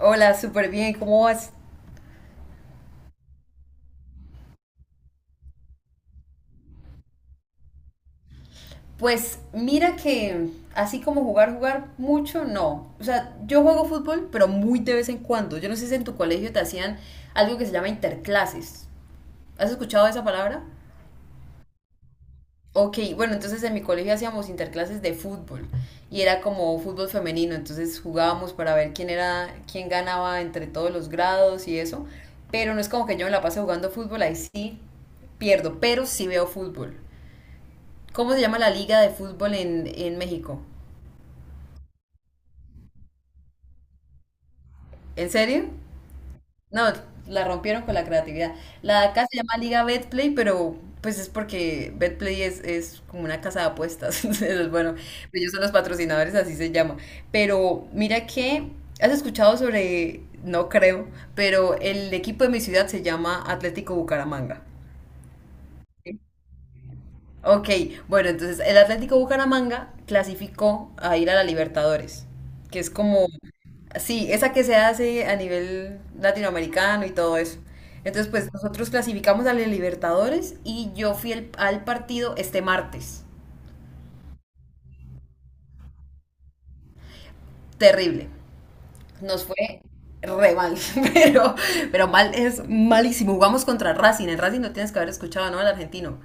Hola, súper bien, ¿cómo vas? Pues mira que así como jugar, jugar mucho, no. O sea, yo juego fútbol, pero muy de vez en cuando. Yo no sé si en tu colegio te hacían algo que se llama interclases. ¿Has escuchado esa palabra? Ok, bueno, entonces en mi colegio hacíamos interclases de fútbol y era como fútbol femenino, entonces jugábamos para ver quién era, quién ganaba entre todos los grados y eso, pero no es como que yo me la pase jugando fútbol, ahí sí pierdo, pero sí veo fútbol. ¿Cómo se llama la liga de fútbol en México? ¿En serio? No, la rompieron con la creatividad. La de acá se llama Liga Betplay, pero pues es porque Betplay es como una casa de apuestas. Entonces, bueno, pues, ellos son los patrocinadores, así se llama. Pero mira que, ¿has escuchado sobre, no creo, pero el equipo de mi ciudad se llama Atlético Bucaramanga? Ok, bueno, entonces el Atlético Bucaramanga clasificó a ir a la Libertadores, que es como, sí, esa que se hace a nivel latinoamericano y todo eso. Entonces, pues nosotros clasificamos a la Libertadores y yo fui al partido este martes. Terrible. Nos fue re mal, pero, pero, mal es malísimo. Jugamos contra Racing. En Racing no tienes que haber escuchado, ¿no? El argentino.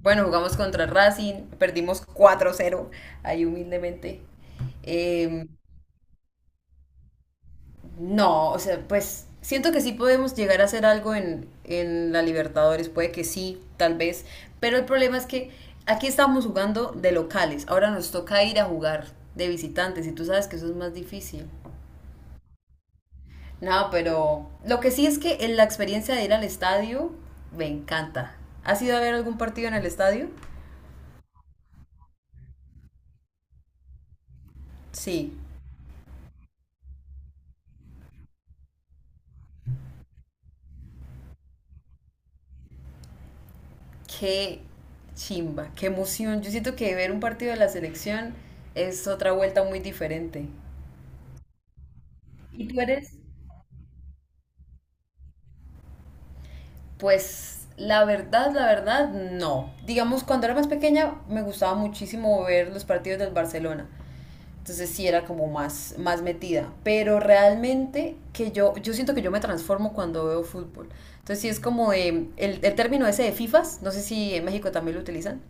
Bueno, jugamos contra Racing, perdimos 4-0, ahí humildemente. Eh, no, o sea, pues siento que sí podemos llegar a hacer algo en la Libertadores, puede que sí, tal vez, pero el problema es que aquí estamos jugando de locales, ahora nos toca ir a jugar de visitantes y tú sabes que eso es más difícil. No, pero lo que sí es que en la experiencia de ir al estadio me encanta. ¿Has ido a ver algún partido en el estadio? Sí. Qué chimba, qué emoción. Yo siento que ver un partido de la selección es otra vuelta muy diferente. ¿Y tú eres? Pues la verdad, no. Digamos, cuando era más pequeña me gustaba muchísimo ver los partidos del Barcelona. Entonces sí era como más, más metida. Pero realmente que yo, siento que yo me transformo cuando veo fútbol. Entonces sí es como el término ese de FIFAs, no sé si en México también lo utilizan.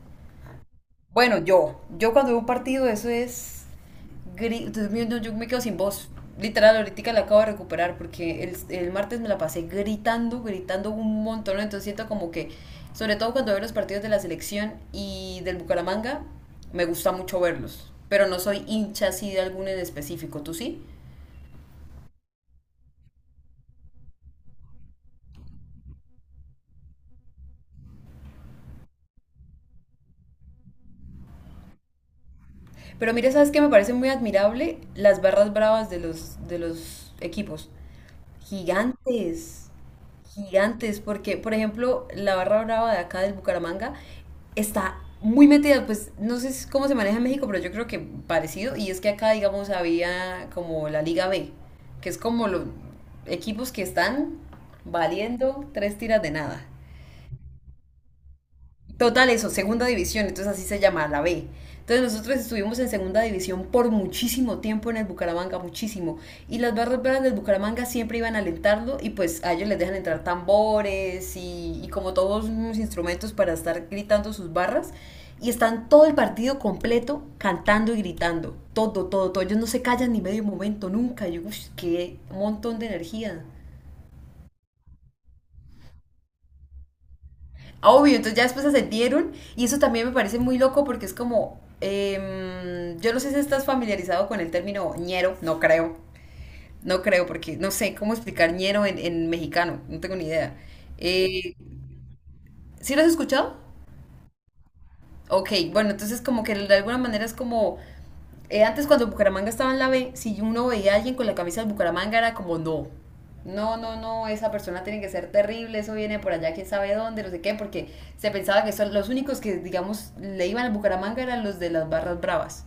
Bueno, yo cuando veo un partido, eso es. Dios mío, no, yo me quedo sin voz. Literal, ahorita la acabo de recuperar porque el martes me la pasé gritando, gritando un montón. Entonces siento como que, sobre todo cuando veo los partidos de la selección y del Bucaramanga, me gusta mucho verlos. Pero no soy hincha así de alguno en específico, ¿tú sí? Pero mira, ¿sabes qué? Me parece muy admirable las barras bravas de los equipos. Gigantes, gigantes, porque por ejemplo la barra brava de acá del Bucaramanga está muy metida, pues no sé cómo se maneja en México, pero yo creo que parecido, y es que acá digamos había como la Liga B, que es como los equipos que están valiendo tres tiras de nada. Total, eso, segunda división, entonces así se llama, la B. Entonces nosotros estuvimos en segunda división por muchísimo tiempo en el Bucaramanga, muchísimo. Y las barras bravas del Bucaramanga siempre iban a alentarlo y pues a ellos les dejan entrar tambores y como todos unos instrumentos para estar gritando sus barras. Y están todo el partido completo cantando y gritando. Todo, todo, todo. Ellos no se callan ni medio momento, nunca. Yo, uff, qué montón de energía. Obvio, entonces ya después ascendieron y eso también me parece muy loco porque es como, yo no sé si estás familiarizado con el término ñero, no creo, no creo porque no sé cómo explicar ñero en mexicano, no tengo ni idea. Eh, ¿sí lo has escuchado? Ok, bueno, entonces como que de alguna manera es como, antes cuando Bucaramanga estaba en la B, si uno veía a alguien con la camisa del Bucaramanga era como no. No, no, no, esa persona tiene que ser terrible, eso viene por allá, quién sabe dónde, no sé qué, porque se pensaba que son los únicos que, digamos, le iban al Bucaramanga eran los de las barras bravas.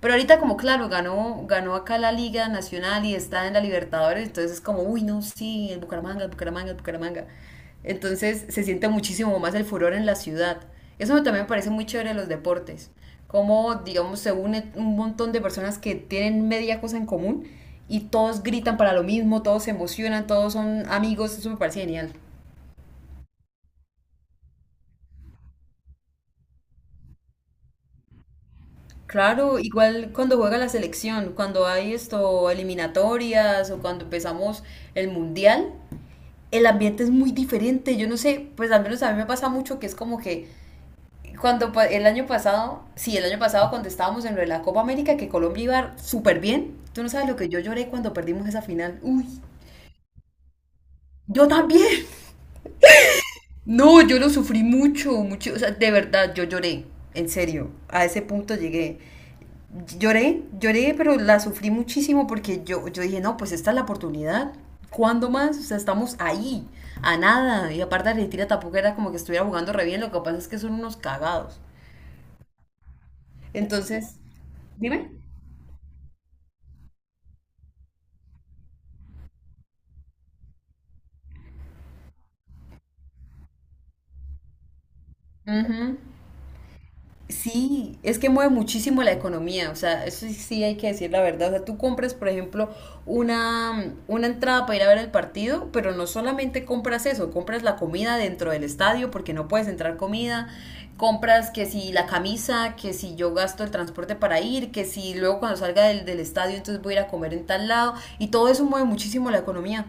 Pero ahorita como claro, ganó, ganó acá la Liga Nacional y está en la Libertadores, entonces es como, uy, no, sí, el Bucaramanga, el Bucaramanga, el Bucaramanga. Entonces se siente muchísimo más el furor en la ciudad. Eso también me parece muy chévere de los deportes. Cómo, digamos, se une un montón de personas que tienen media cosa en común y todos gritan para lo mismo, todos se emocionan, todos son amigos, eso me parece genial. Claro, igual cuando juega la selección, cuando hay esto, eliminatorias o cuando empezamos el mundial, el ambiente es muy diferente. Yo no sé, pues al menos a mí me pasa mucho que es como que cuando el año pasado, sí, el año pasado cuando estábamos en lo de la Copa América, que Colombia iba súper bien, tú no sabes lo que yo lloré cuando perdimos esa final. Uy, yo también. No, yo lo sufrí mucho, mucho, o sea, de verdad, yo lloré, en serio, a ese punto llegué. Lloré, lloré, pero la sufrí muchísimo porque yo, dije, no, pues esta es la oportunidad. ¿Cuándo más? O sea, estamos ahí, a nada. Y aparte Argentina tampoco era como que estuviera jugando re bien, lo que pasa es que son unos cagados. Entonces, dime. Sí, es que mueve muchísimo la economía, o sea, eso sí, sí hay que decir la verdad. O sea, tú compras, por ejemplo, una entrada para ir a ver el partido, pero no solamente compras eso, compras la comida dentro del estadio porque no puedes entrar comida, compras que si la camisa, que si yo gasto el transporte para ir, que si luego cuando salga del estadio entonces voy a ir a comer en tal lado, y todo eso mueve muchísimo la economía.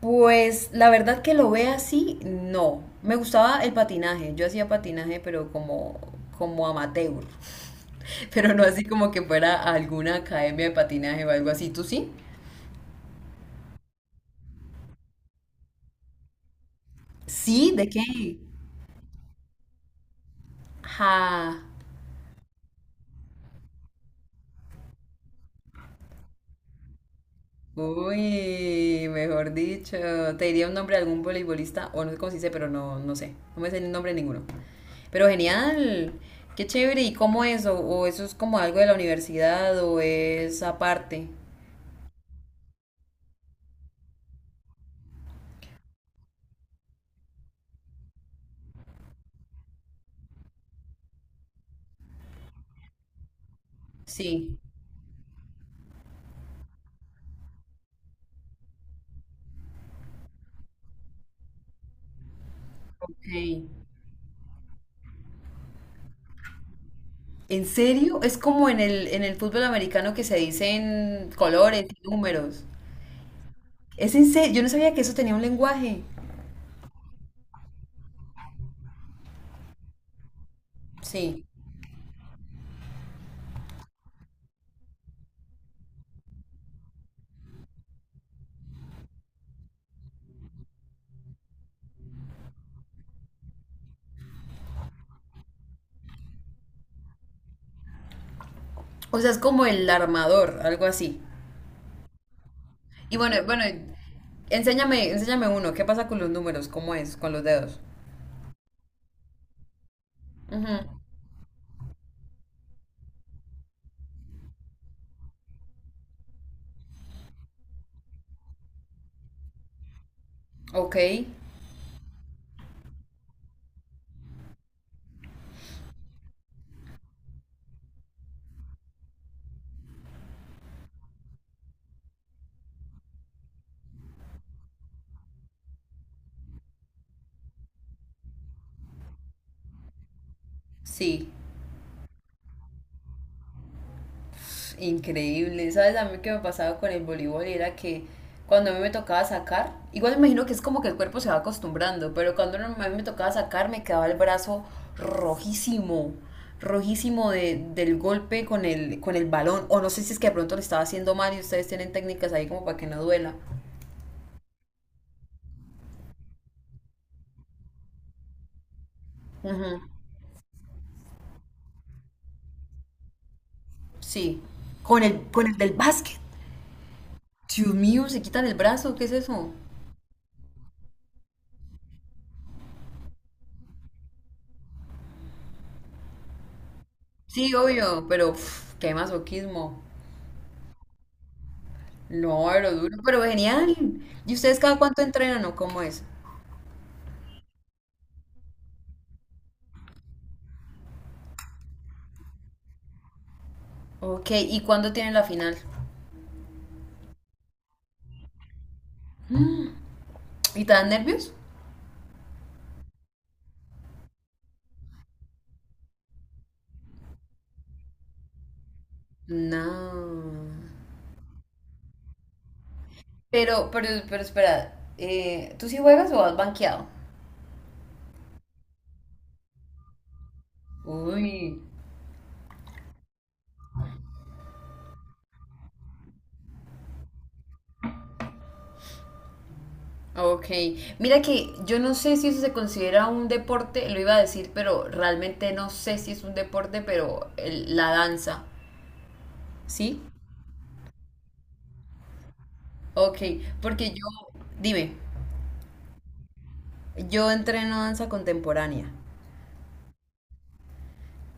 Pues la verdad que lo ve así, no. Me gustaba el patinaje. Yo hacía patinaje, pero como amateur. Pero no así como que fuera a alguna academia de patinaje o algo así. ¿Tú sí? Sí, ¿de qué? Ja. Uy, mejor dicho. Te diría un nombre de algún voleibolista, o no sé cómo se dice, pero no, no sé. No me sé el nombre de ninguno. Pero genial. Qué chévere. ¿Y cómo es? ¿O eso es como algo de la universidad o es aparte? Sí. Ok. ¿En serio? Es como en el fútbol americano que se dicen colores y números. Es en serio, yo no sabía que eso tenía un lenguaje. Sí. O sea, es como el armador, algo así. Y bueno, enséñame, enséñame uno. ¿Qué pasa con los números? ¿Cómo es? Con los dedos. Ujú. Ok, sí. Increíble, ¿sabes? A mí que me pasaba con el voleibol era que cuando a mí me tocaba sacar, igual me imagino que es como que el cuerpo se va acostumbrando, pero cuando no, a mí me tocaba sacar me quedaba el brazo rojísimo, rojísimo del golpe con el balón, o no sé si es que de pronto lo estaba haciendo mal y ustedes tienen técnicas ahí como para que no duela. Ujú, sí, con el del básquet. Dios mío, se quitan el brazo, ¿qué es eso? Sí, obvio, pero pf, qué masoquismo. No, pero duro, pero genial. ¿Y ustedes cada cuánto entrenan o cómo es? Ok, ¿y cuándo tienen la final? ¿Y te dan nervios? No. Pero espera, ¿tú sí juegas o has banqueado? Uy. Ok, mira que yo no sé si eso se considera un deporte, lo iba a decir, pero realmente no sé si es un deporte, pero la danza, ¿sí? Ok, porque yo, dime, yo entreno danza contemporánea.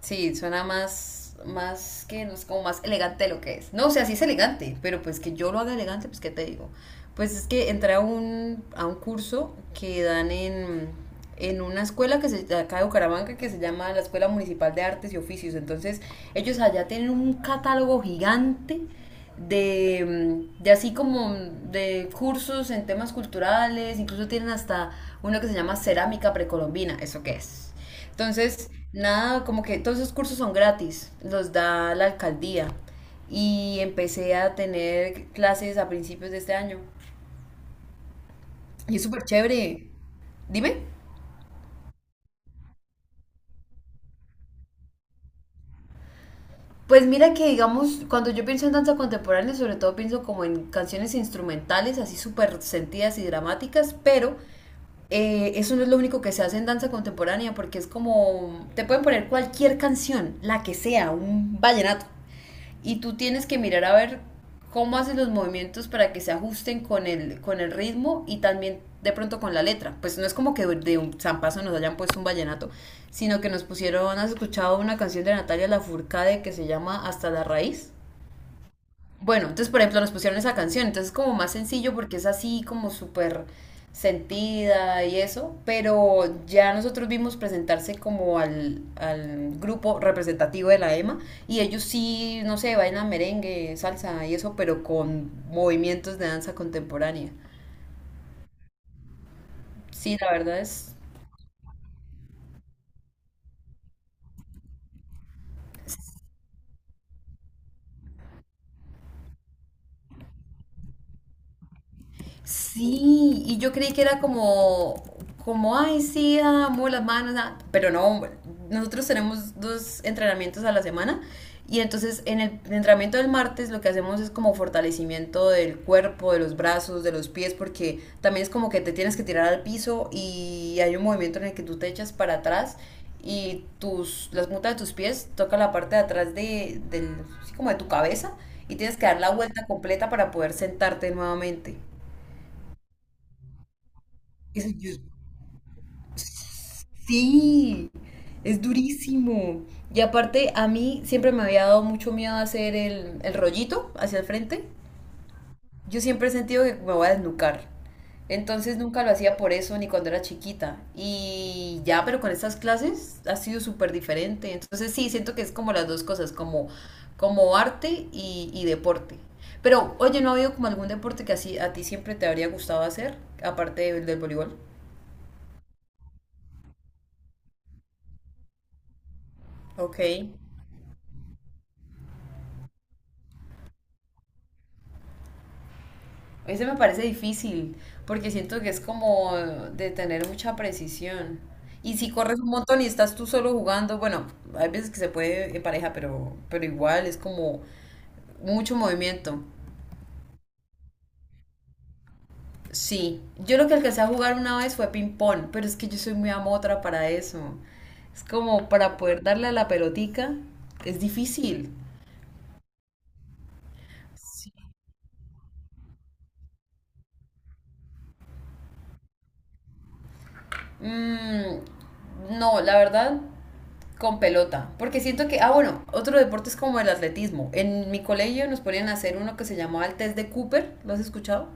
Sí, suena más que, no es como más elegante de lo que es. No, o sea, sí es elegante, pero pues que yo lo haga elegante, pues qué te digo. Pues es que entré a un curso que dan en, una escuela de acá de Bucaramanga que se llama la Escuela Municipal de Artes y Oficios. Entonces, ellos allá tienen un catálogo gigante de así como de cursos en temas culturales, incluso tienen hasta uno que se llama cerámica precolombina, ¿eso qué es? Entonces, nada, como que todos esos cursos son gratis, los da la alcaldía. Y empecé a tener clases a principios de este año. Y es súper chévere. Dime. Pues mira que, digamos, cuando yo pienso en danza contemporánea, sobre todo pienso como en canciones instrumentales, así súper sentidas y dramáticas, pero eso no es lo único que se hace en danza contemporánea, porque es como, te pueden poner cualquier canción, la que sea, un vallenato, y tú tienes que mirar a ver cómo haces los movimientos para que se ajusten con con el ritmo y también de pronto con la letra. Pues no es como que de un zampazo nos hayan puesto un vallenato, sino que nos pusieron, ¿has escuchado una canción de Natalia Lafourcade que se llama Hasta la raíz? Bueno, entonces, por ejemplo, nos pusieron esa canción, entonces es como más sencillo porque es así como súper sentida y eso, pero ya nosotros vimos presentarse como al grupo representativo de la EMA, y ellos sí, no sé, bailan merengue, salsa y eso, pero con movimientos de danza contemporánea. Sí, la verdad es sí, y yo creí que era como, como, "ay, sí, amo las manos, ah", pero no, nosotros tenemos 2 entrenamientos a la semana y entonces en el entrenamiento del martes lo que hacemos es como fortalecimiento del cuerpo, de los brazos, de los pies, porque también es como que te tienes que tirar al piso y hay un movimiento en el que tú te echas para atrás y las puntas de tus pies tocan la parte de atrás del así como de tu cabeza, y tienes que dar la vuelta completa para poder sentarte nuevamente. Eso yo- sí, es durísimo. Y aparte, a mí siempre me había dado mucho miedo hacer el rollito hacia el frente. Yo siempre he sentido que me voy a desnucar. Entonces nunca lo hacía por eso, ni cuando era chiquita. Y ya, pero con estas clases ha sido súper diferente. Entonces sí, siento que es como las dos cosas, como, como arte y deporte. Pero, oye, ¿no ha habido como algún deporte que así a ti siempre te habría gustado hacer, aparte del voleibol? Ok. Ese me parece difícil, porque siento que es como de tener mucha precisión. Y si corres un montón y estás tú solo jugando, bueno, hay veces que se puede en pareja, pero igual es como mucho movimiento. Sí, yo lo que alcancé a jugar una vez fue ping-pong, pero es que yo soy muy amotra para eso. Es como para poder darle a la pelotica, es difícil. Mm, no, la verdad, con pelota. Porque siento que, ah, bueno, otro deporte es como el atletismo. En mi colegio nos ponían a hacer uno que se llamaba el test de Cooper. ¿Lo has escuchado?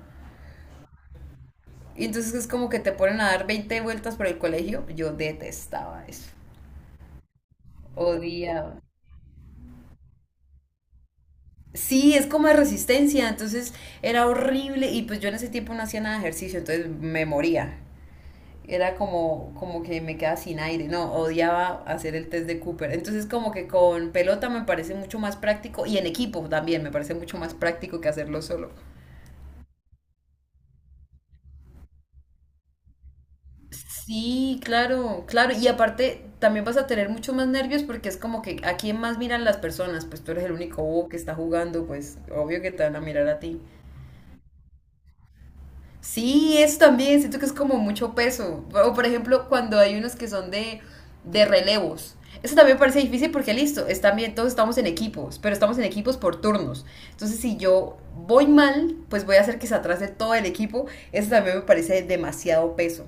Y entonces es como que te ponen a dar 20 vueltas por el colegio. Yo detestaba eso. Odiaba. Sí, es como de resistencia, entonces era horrible y pues yo en ese tiempo no hacía nada de ejercicio, entonces me moría. Era como, como que me quedaba sin aire, no, odiaba hacer el test de Cooper. Entonces como que con pelota me parece mucho más práctico y en equipo también me parece mucho más práctico que hacerlo solo. Sí, claro, claro. Y aparte también vas a tener mucho más nervios porque es como que a quién más miran las personas, pues tú eres el único bobo que está jugando, pues obvio que te van a mirar a ti. Sí, eso también, siento que es como mucho peso. O por ejemplo, cuando hay unos que son de relevos. Eso también me parece difícil porque listo, es también todos estamos en equipos, pero estamos en equipos por turnos. Entonces, si yo voy mal, pues voy a hacer que se atrase todo el equipo. Eso también me parece demasiado peso.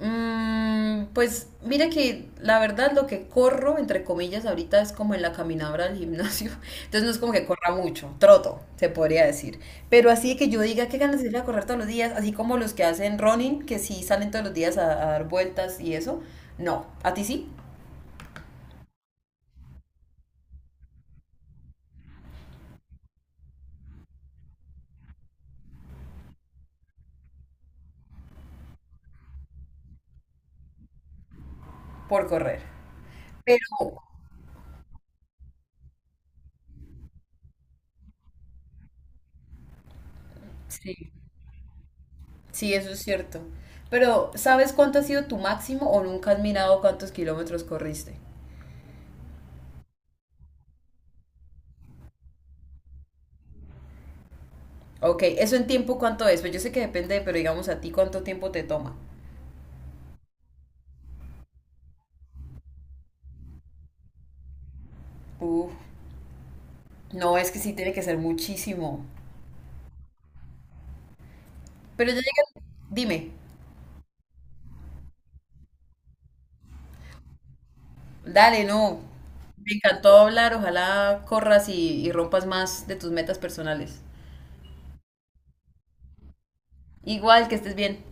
Mm, pues mira que la verdad lo que corro, entre comillas, ahorita es como en la caminadora del gimnasio. Entonces no es como que corra mucho, troto, se podría decir. Pero así que yo diga qué ganas de ir a correr todos los días, así como los que hacen running, que sí salen todos los días a dar vueltas y eso. No, a ti sí, por correr. Pero sí, sí, eso es cierto. Pero ¿sabes cuánto ha sido tu máximo o nunca has mirado cuántos kilómetros corriste? Ok, ¿eso en tiempo cuánto es? Pues yo sé que depende, pero digamos a ti cuánto tiempo te toma. Uf, no, es que sí tiene que ser muchísimo. Pero ya llega, dime, dale, no. Me encantó hablar, ojalá corras y rompas más de tus metas personales. Igual, que estés bien.